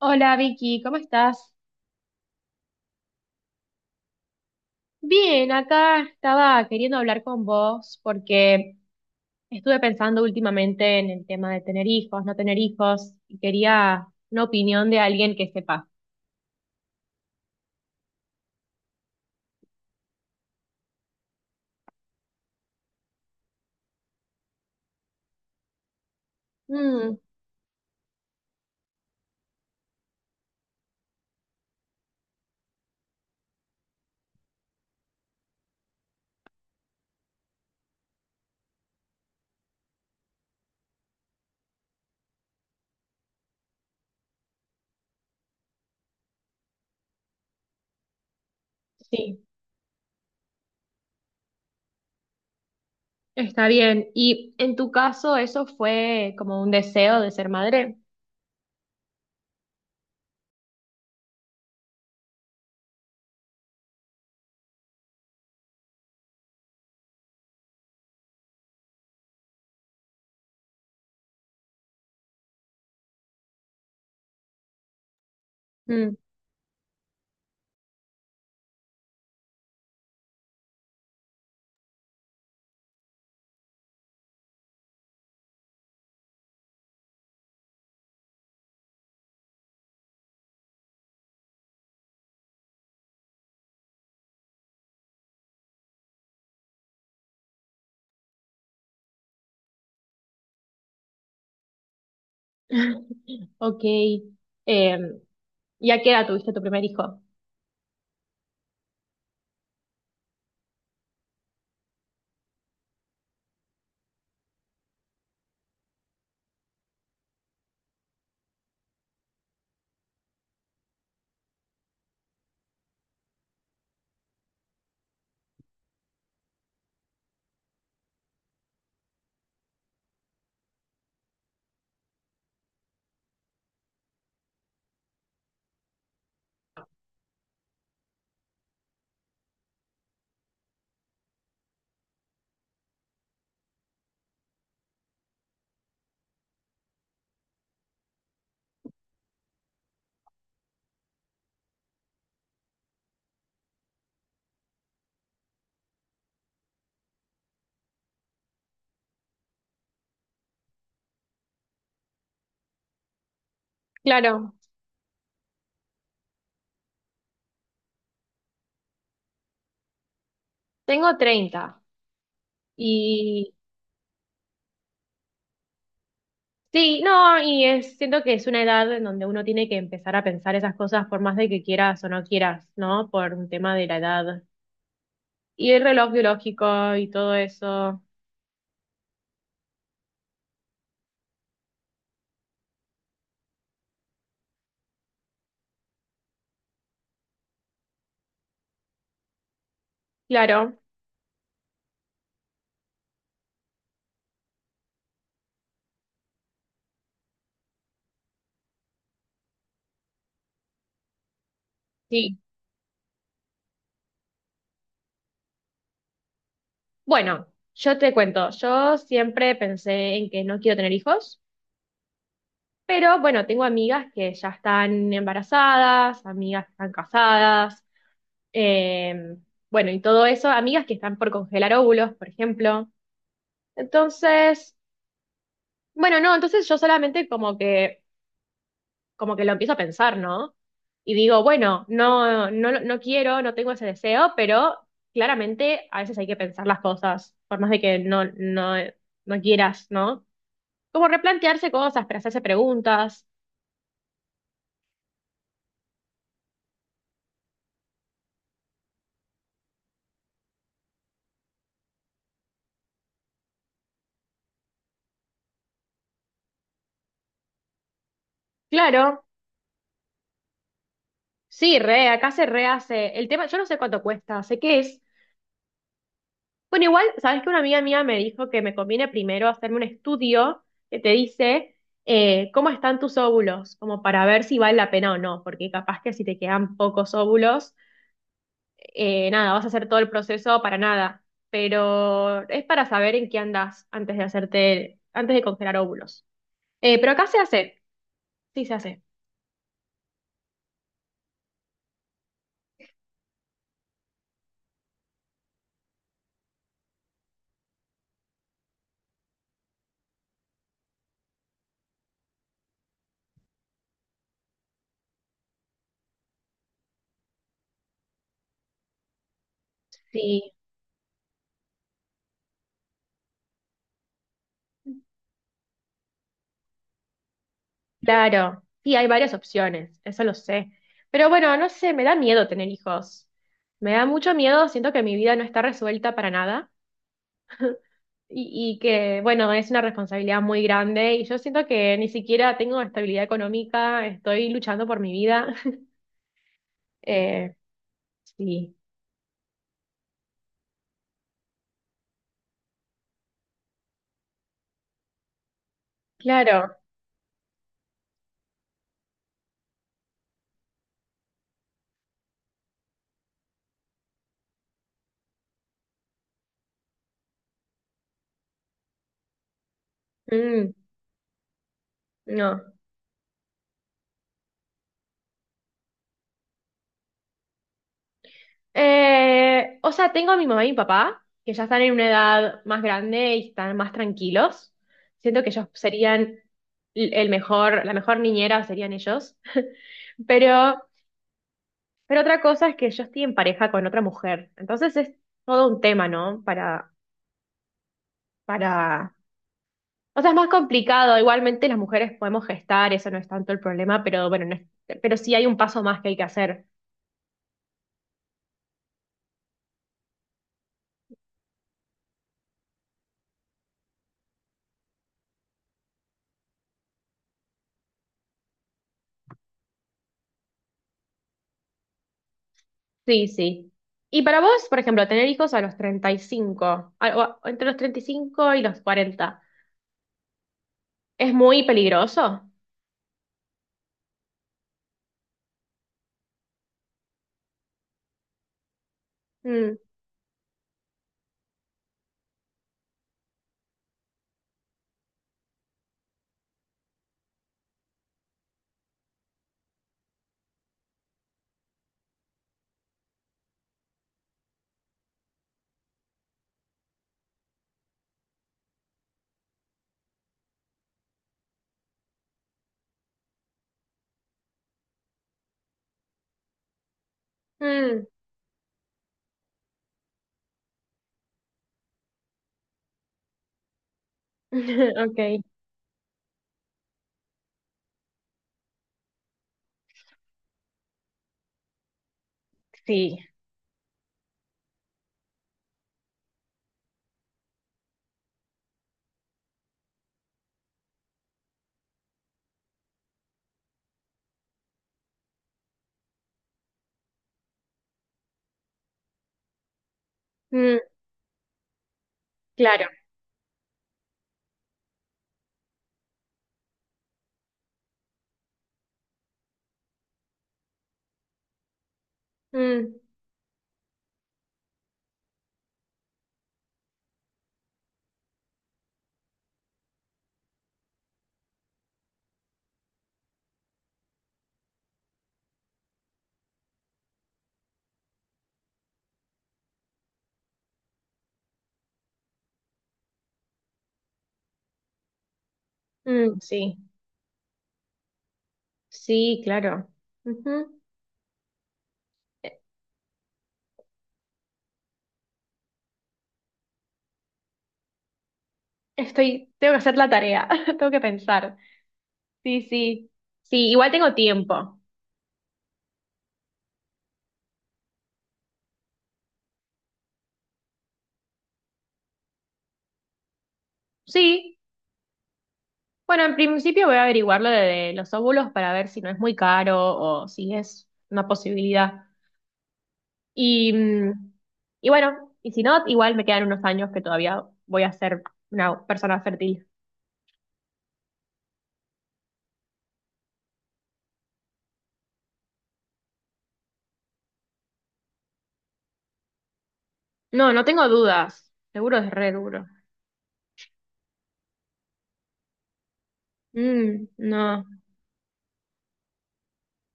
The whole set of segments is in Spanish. Hola Vicky, ¿cómo estás? Bien, acá estaba queriendo hablar con vos porque estuve pensando últimamente en el tema de tener hijos, no tener hijos, y quería una opinión de alguien que sepa. Mm, sí, está bien. ¿Y en tu caso eso fue como un deseo de ser madre? Mm, ok. Em, ¿Y a qué edad tuviste tu primer hijo? Claro, tengo 30 y... Sí, no, siento que es una edad en donde uno tiene que empezar a pensar esas cosas por más de que quieras o no quieras, ¿no? Por un tema de la edad. Y el reloj biológico y todo eso. Claro, sí. Bueno, yo te cuento, yo siempre pensé en que no quiero tener hijos, pero bueno, tengo amigas que ya están embarazadas, amigas que están casadas, eh, bueno, y todo eso, amigas que están por congelar óvulos, por ejemplo. Entonces, bueno, no, entonces yo solamente como que lo empiezo a pensar, ¿no? Y digo, bueno, no, no, no quiero, no tengo ese deseo, pero claramente a veces hay que pensar las cosas, por más de que no, no, no quieras, ¿no? Como replantearse cosas, pero hacerse preguntas. Claro, sí, re, acá se rehace. El tema, yo no sé cuánto cuesta, sé qué es. Bueno, igual, sabes que una amiga mía me dijo que me conviene primero hacerme un estudio que te dice cómo están tus óvulos, como para ver si vale la pena o no, porque capaz que si te quedan pocos óvulos, nada, vas a hacer todo el proceso para nada, pero es para saber en qué andas antes de hacerte, antes de congelar óvulos. Pero acá se hace. Sí, claro. Sí, hay varias opciones, eso lo sé. Pero bueno, no sé, me da miedo tener hijos. Me da mucho miedo, siento que mi vida no está resuelta para nada y, que, bueno, es una responsabilidad muy grande y yo siento que ni siquiera tengo estabilidad económica, estoy luchando por mi vida. Eh, sí, claro. Mm. No. O sea, tengo a mi mamá y mi papá, que ya están en una edad más grande y están más tranquilos. Siento que ellos serían el mejor, la mejor niñera serían ellos. Pero, pero otra cosa es que yo estoy en pareja con otra mujer. Entonces es todo un tema, ¿no? Para, para. O sea, es más complicado. Igualmente las mujeres podemos gestar, eso no es tanto el problema, pero bueno, no es- pero sí hay un paso más que hay que hacer. Sí, sí. Y para vos, por ejemplo, tener hijos a los 35, entre los 35 y los 40, ¿es muy peligroso? Mm, mm, ok, sí. Mm, claro. Mm, mm, sí, sí, claro. Ujú. Eh, Estoy, tengo que hacer la tarea, tengo que pensar. Sí, sí. Sí, igual tengo tiempo. Sí. Bueno, en principio voy a averiguar lo de los óvulos para ver si no es muy caro o si es una posibilidad. Y, mm, y bueno, y si no, igual me quedan unos años que todavía voy a ser una persona fértil. No, no tengo dudas. Seguro es re duro. Mm, no.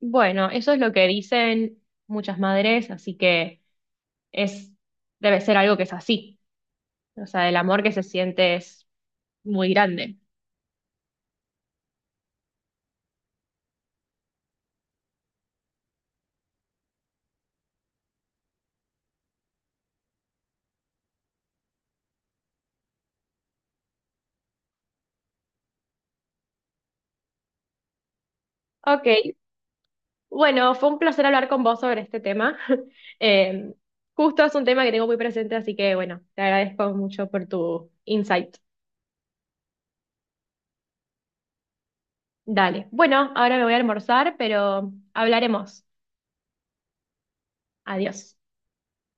Bueno, eso es lo que dicen muchas madres, así que es, debe ser algo que es así. O sea, el amor que se siente es muy grande. Ok, bueno, fue un placer hablar con vos sobre este tema. Eh, justo es un tema que tengo muy presente, así que bueno, te agradezco mucho por tu insight. Dale. Bueno, ahora me voy a almorzar, pero hablaremos. Adiós.